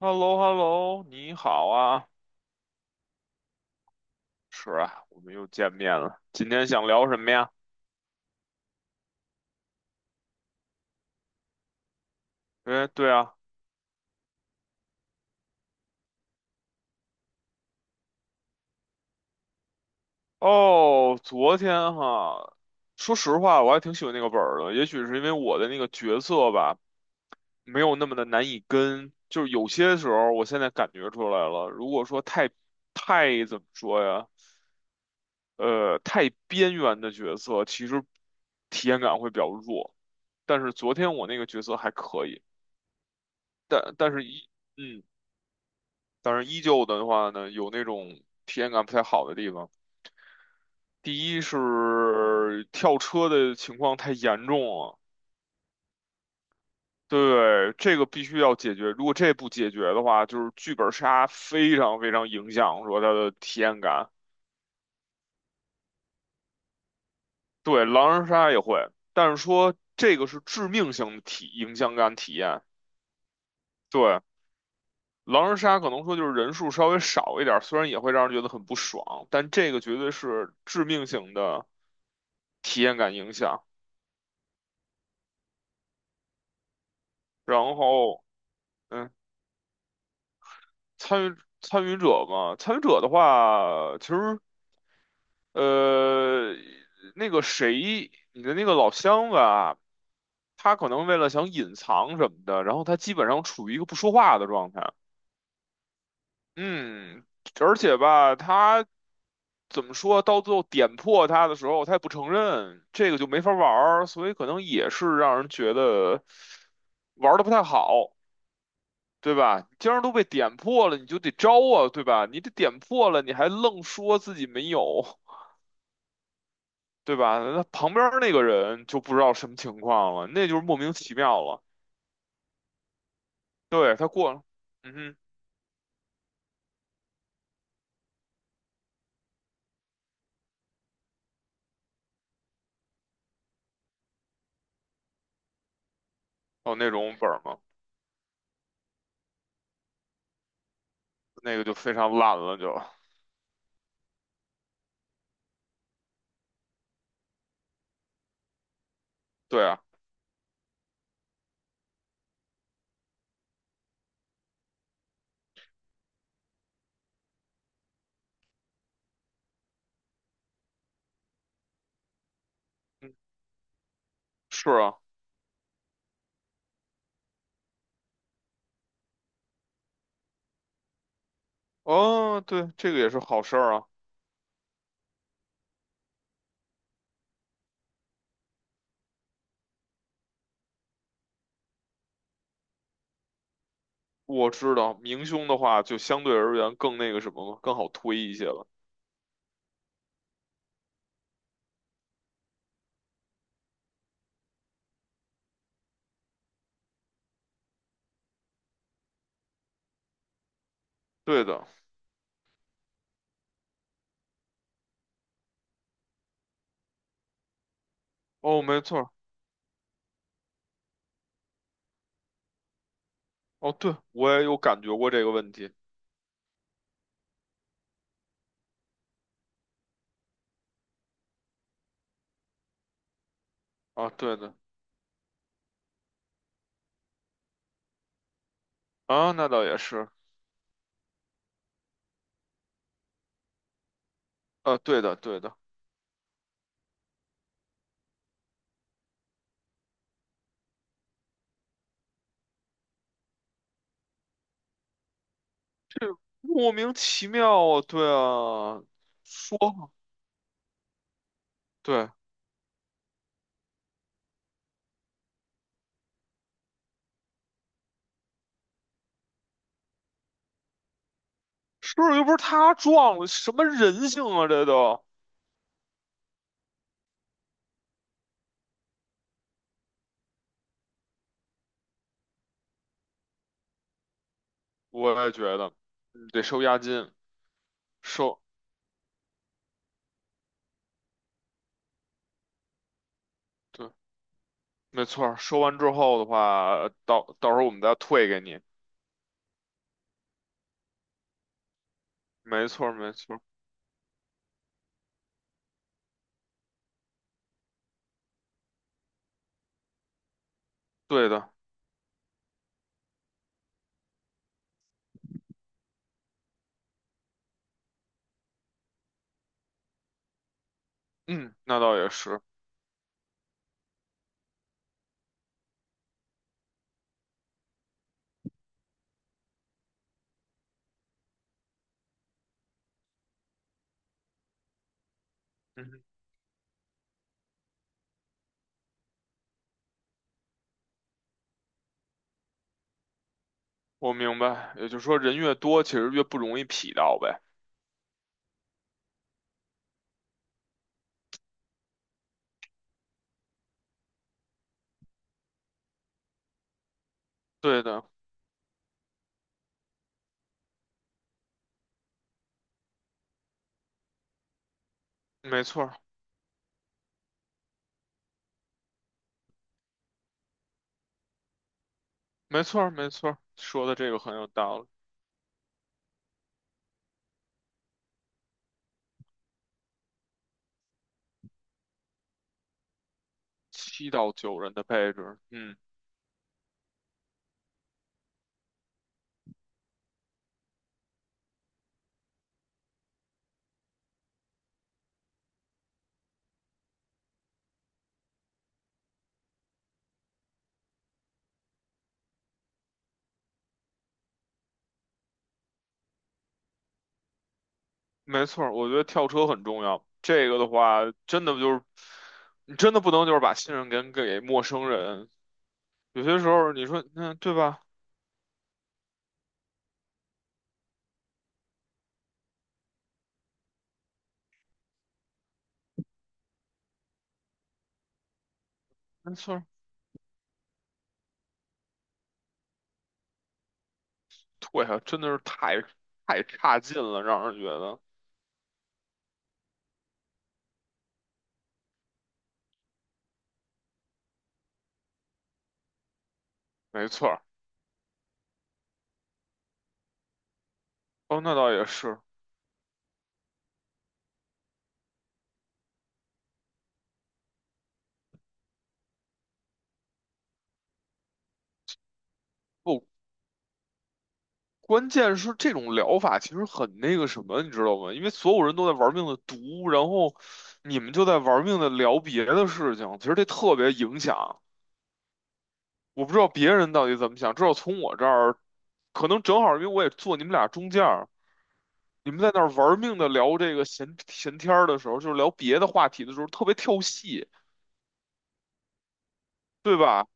h e l l o h e l l o 你好啊，是啊，我们又见面了。今天想聊什么呀？哎，对啊，哦，昨天哈，说实话，我还挺喜欢那个本儿的。也许是因为我的那个角色吧，没有那么的难以跟，就是有些时候，我现在感觉出来了。如果说太怎么说呀，太边缘的角色，其实体验感会比较弱。但是昨天我那个角色还可以，但是一。嗯。但是依旧的话呢，有那种体验感不太好的地方。第一是跳车的情况太严重了，对，这个必须要解决。如果这不解决的话，就是剧本杀非常非常影响说它的体验感。对，狼人杀也会，但是说这个是致命性的影响感体验。对，狼人杀可能说就是人数稍微少一点儿，虽然也会让人觉得很不爽，但这个绝对是致命性的体验感影响。然后嗯，参与参与者嘛，参与者的话，其实呃，那个谁，你的那个老乡吧，他可能为了想隐藏什么的，然后他基本上处于一个不说话的状态。嗯，而且吧，他怎么说，到最后点破他的时候，他也不承认，这个就没法玩儿所以可能也是让人觉得玩的不太好。对吧？既然都被点破了，你就得招啊，对吧？你得点破了，你还愣说自己没有，对吧？那旁边那个人就不知道什么情况了，那就是莫名其妙了。对，他过了，嗯哼，哦，那种本儿嘛，那个就非常烂了，就对啊，嗯，是啊，哦，对，这个也是好事儿啊。我知道明凶的话，就相对而言更那个什么了，更好推一些了。对的，哦，没错儿，哦，对，我也有感觉过这个问题啊，对的。啊，那倒也是，啊，对的，对的，莫名其妙啊，对啊，说嘛，对，是不是又不是他撞了，什么人性啊，这都，我也觉得，得收押金，收，对，没错儿收完之后的话，到时候我们再退给你，没错儿没错儿对的，嗯，那倒也是，嗯，我明白，也就是说人越多，其实越不容易匹到呗，对的，没错儿没错儿没错儿说的这个很有道理。七到九人的配置，嗯，没错儿，我觉得跳车很重要。这个的话，真的就是你真的不能就是把信任给陌生人。有些时候你说，嗯，对吧？没错儿，对呀，真的是太差劲了，让人觉得没错儿。哦，那倒也是。不，关键是这种疗法其实很那个什么，你知道吗？因为所有人都在玩命的读，然后你们就在玩命的聊别的事情，其实这特别影响。我不知道别人到底怎么想，至少从我这儿，可能正好因为我也坐你们俩中间儿，你们在那儿玩命的聊这个闲天儿的时候，就是聊别的话题的时候，特别跳戏，对吧？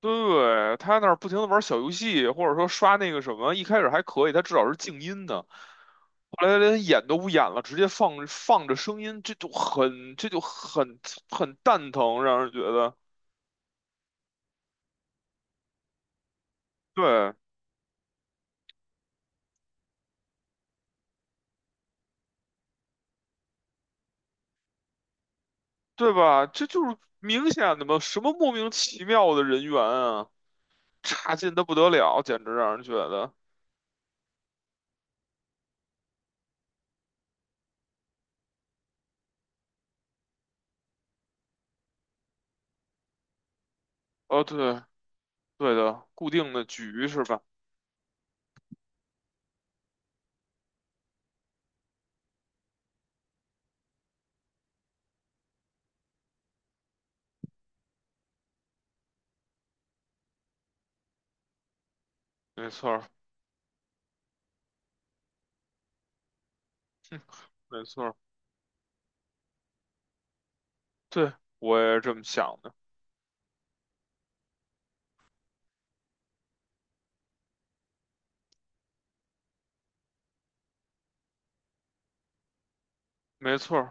对，他那儿不停的玩小游戏，或者说刷那个什么，一开始还可以，他至少是静音的，后来他连演都不演了，直接放着声音，这就很蛋疼，让人觉得，对对吧？这就是明显的嘛，什么莫名其妙的人员啊！差劲的不得了，简直让人觉得，哦，对，对的，固定的局是吧？没错儿，没错儿，对，我也是这么想的，没错儿。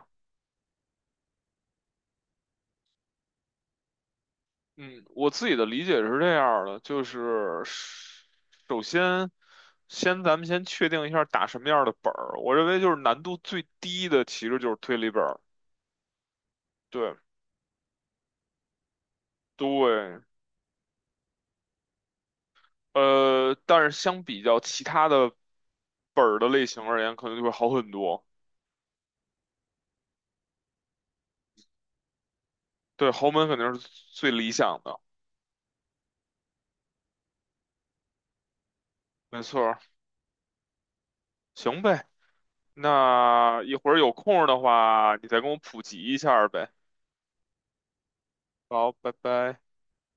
嗯，我自己的理解是这样儿的，就是首先，先咱们先确定一下打什么样儿的本儿。我认为就是难度最低的其实就是推理本儿，对对，但是相比较其他的本儿的类型而言，可能就会好很多。对，豪门肯定是最理想的，没错。行呗，那一会儿有空儿的话，你再跟我普及一下儿呗。好，拜拜。